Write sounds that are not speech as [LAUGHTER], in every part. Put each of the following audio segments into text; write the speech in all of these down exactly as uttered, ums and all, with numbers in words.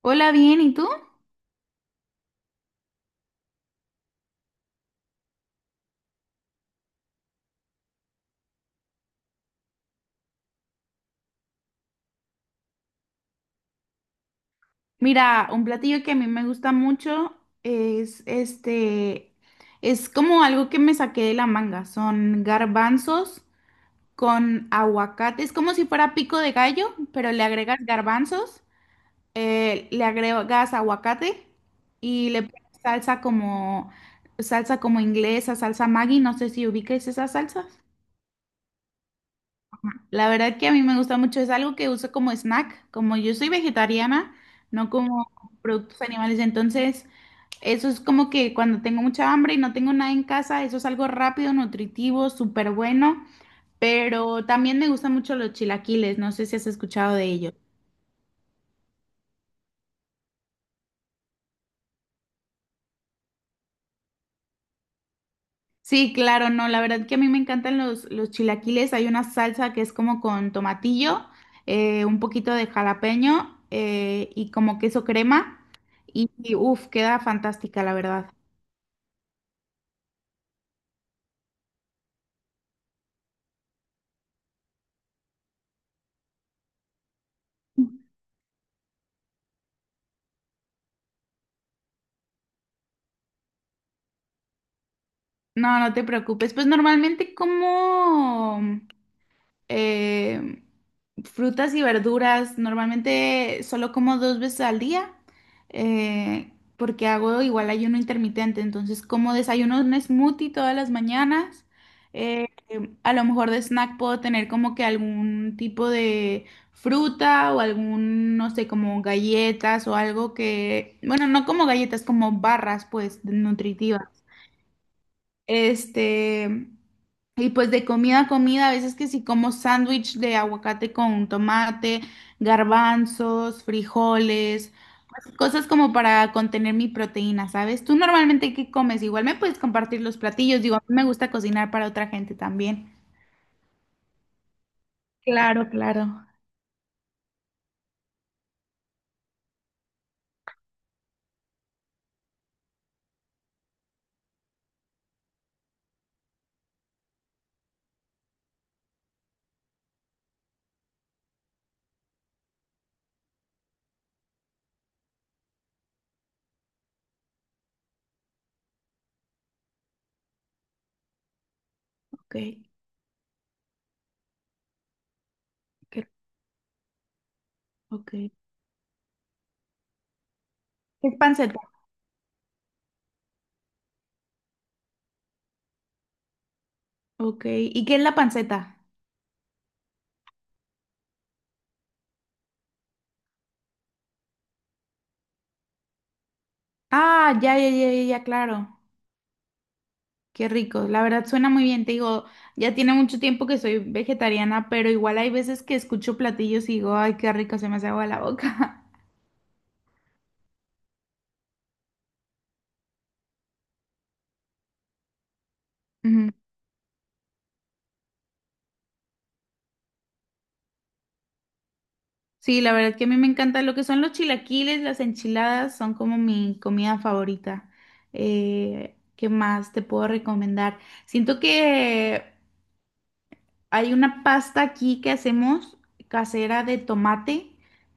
Hola, bien, ¿y tú? Mira, un platillo que a mí me gusta mucho es este, es como algo que me saqué de la manga. Son garbanzos con aguacate. Es como si fuera pico de gallo, pero le agregas garbanzos, eh, le agregas aguacate y le pones salsa como, salsa como inglesa, salsa Maggi. No sé si ubiques esas salsas. La verdad que a mí me gusta mucho, es algo que uso como snack, como yo soy vegetariana, no como productos animales, entonces eso es como que cuando tengo mucha hambre y no tengo nada en casa, eso es algo rápido, nutritivo, súper bueno, pero también me gustan mucho los chilaquiles, no sé si has escuchado de ellos. Sí, claro, no, la verdad que a mí me encantan los, los chilaquiles, hay una salsa que es como con tomatillo, eh, un poquito de jalapeño eh, y como queso crema y, y uff, queda fantástica, la verdad. No, no te preocupes. Pues normalmente como eh, frutas y verduras, normalmente solo como dos veces al día, eh, porque hago igual ayuno intermitente. Entonces como desayuno un smoothie todas las mañanas. eh, a lo mejor de snack puedo tener como que algún tipo de fruta o algún, no sé, como galletas o algo que, bueno, no como galletas, como barras pues nutritivas. Este, y pues de comida a comida, a veces que sí como sándwich de aguacate con tomate, garbanzos, frijoles, pues, cosas como para contener mi proteína, ¿sabes? Tú normalmente qué comes, igual me puedes compartir los platillos, digo, a mí me gusta cocinar para otra gente también. Claro, claro. Ok, qué- ok. ¿Qué es panceta? Ok, ¿y qué es la panceta? Ah, ya, ya, ya, ya, ya, claro. Qué rico, la verdad suena muy bien, te digo, ya tiene mucho tiempo que soy vegetariana, pero igual hay veces que escucho platillos y digo, ay, qué rico, se me hace agua la boca. [LAUGHS] Ujú. Sí, la verdad que a mí me encanta lo que son los chilaquiles, las enchiladas, son como mi comida favorita. Eh, ¿qué más te puedo recomendar? Siento que hay una pasta aquí que hacemos casera de tomate,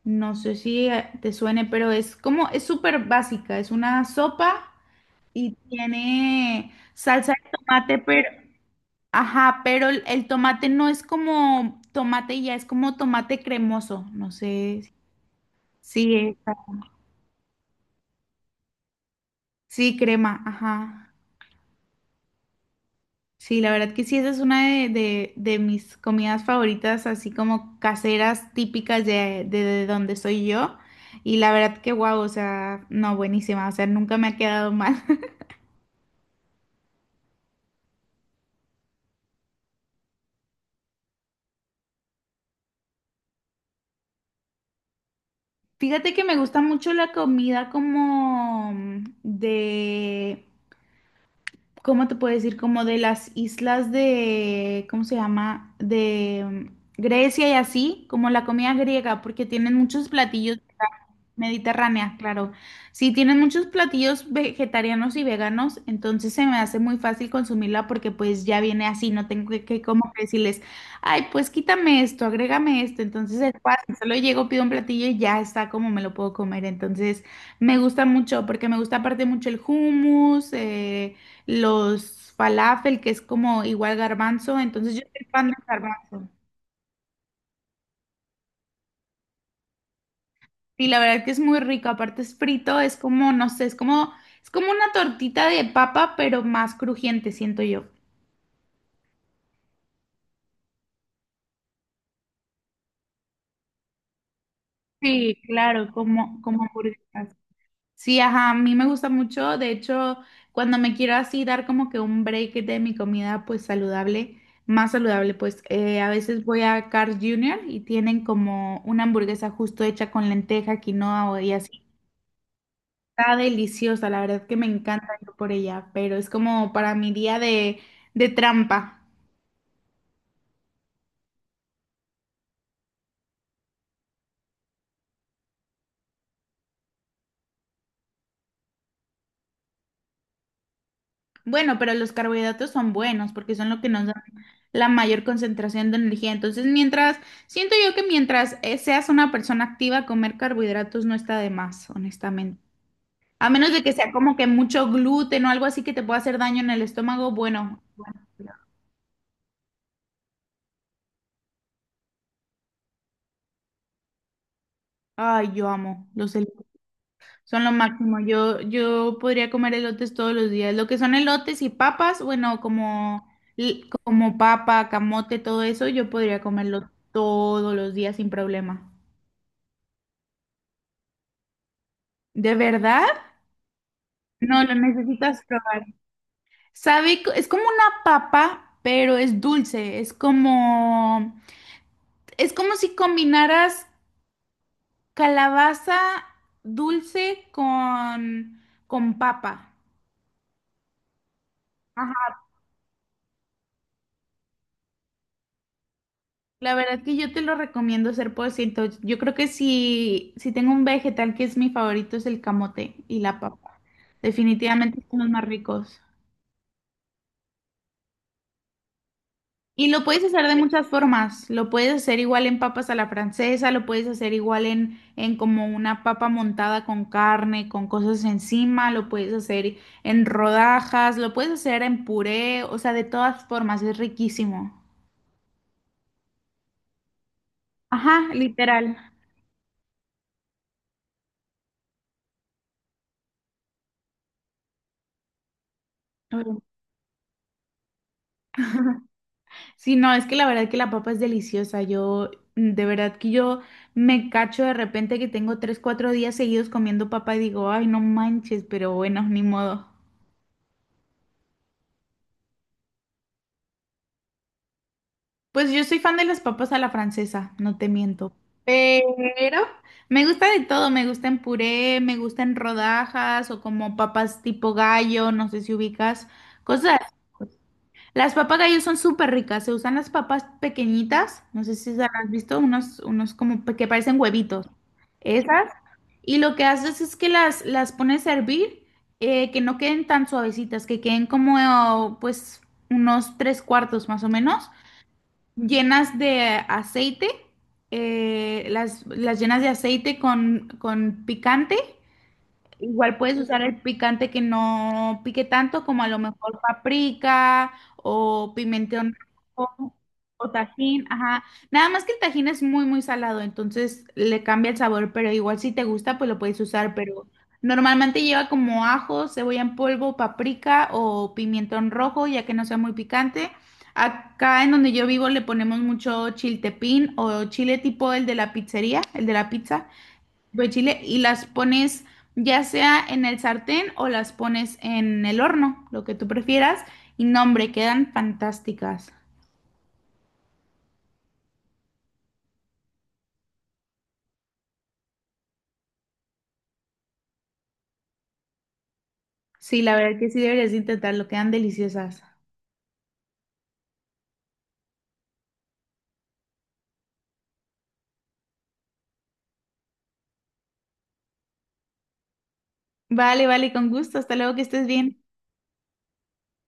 no sé si eh, te suene, pero es como, es súper básica, es una sopa. Y tiene salsa de tomate, pero, ajá, pero el, el tomate no es como tomate ya, es como tomate cremoso, no sé. si- Sí, esa- sí, crema, ajá. Sí, la verdad que sí, esa es una de, de, de mis comidas favoritas, así como caseras típicas de, de, de donde soy yo. Y la verdad que guau, o sea, no, buenísima, o sea, nunca me ha quedado mal. [LAUGHS] Fíjate que me gusta mucho la comida como de ¿cómo te puedo decir? Como de las islas de, ¿cómo se llama? De mm, Grecia y así, como la comida griega, porque tienen muchos platillos. Mediterránea, claro. Sí, tienen muchos platillos vegetarianos y veganos, entonces se me hace muy fácil consumirla porque pues ya viene así, no tengo que, que como que decirles, ay, pues quítame esto, agrégame esto, entonces es fácil, solo llego, pido un platillo y ya está como me lo puedo comer, entonces me gusta mucho porque me gusta aparte mucho el hummus, eh, los falafel, que es como igual garbanzo, entonces yo soy fan del garbanzo. Sí, la verdad que es muy rico, aparte es frito, es como, no sé, es como, es como una tortita de papa, pero más crujiente, siento yo. Sí, claro, como, como hamburguesas. Sí, ajá, a mí me gusta mucho, de hecho, cuando me quiero así dar como que un break de mi comida, pues saludable, más saludable, pues eh, a veces voy a Carl junior y tienen como una hamburguesa justo hecha con lenteja, quinoa o- y así. Está deliciosa, la verdad que me encanta ir por ella, pero es como para mi día de, de trampa. Bueno, pero los carbohidratos son buenos porque son lo que nos dan la mayor concentración de energía. Entonces, mientras, siento yo que mientras eh, seas una persona activa, comer carbohidratos no está de más, honestamente. A menos de que sea como que mucho gluten o algo así que te pueda hacer daño en el estómago, bueno, bueno. Ay, yo amo los elotes. Son lo máximo. Yo, yo podría comer elotes todos los días. Lo que son elotes y papas, bueno, como, como papa, camote, todo eso, yo podría comerlo todos los días sin problema. ¿De verdad? No, lo necesitas probar. Sabe, co- es como una papa, pero es dulce. Es como, es como si combinaras calabaza dulce con, con papa. Ajá. La verdad que yo te lo recomiendo ser ciento. Yo creo que si, si tengo un vegetal que es mi favorito es el camote y la papa. Definitivamente son los más ricos. Y lo puedes hacer de muchas formas. Lo puedes hacer igual en papas a la francesa, lo puedes hacer igual en, en como una papa montada con carne, con cosas encima, lo puedes hacer en rodajas, lo puedes hacer en puré, o sea, de todas formas, es riquísimo. Ajá, literal. Ujú. Sí, no, es que la verdad que la papa es deliciosa. Yo, mm, de verdad que yo me cacho de repente que tengo tres, cuatro días seguidos comiendo papa y digo, ay, no manches, pero bueno, ni modo. Pues yo soy fan de las papas a la francesa, no te miento. Pero me gusta de todo, me gusta en puré, me gusta en rodajas o como papas tipo gallo, no sé si ubicas, cosas. Así. Las papas gallo son súper ricas, se usan las papas pequeñitas, no sé si las has visto, unos, unos como pe- que parecen huevitos. Esas. Y lo que haces es que las, las pones a hervir, eh, que no queden tan suavecitas, que queden como eh, pues unos tres cuartos más o menos llenas de aceite, eh, las, las llenas de aceite con, con picante. Igual puedes usar el picante que no pique tanto, como a lo mejor paprika o pimentón rojo o tajín, ajá. Nada más que el tajín es muy, muy salado, entonces le cambia el sabor, pero igual si te gusta, pues lo puedes usar, pero normalmente lleva como ajo, cebolla en polvo, paprika o pimentón rojo, ya que no sea muy picante. Acá en donde yo vivo le ponemos mucho chiltepín o chile tipo el de la pizzería, el de la pizza de chile y las pones ya sea en el sartén o las pones en el horno, lo que tú prefieras. Y no, hombre, quedan fantásticas. Sí, la verdad que sí deberías de intentarlo, quedan deliciosas. Vale, vale, con gusto. Hasta luego, que estés bien.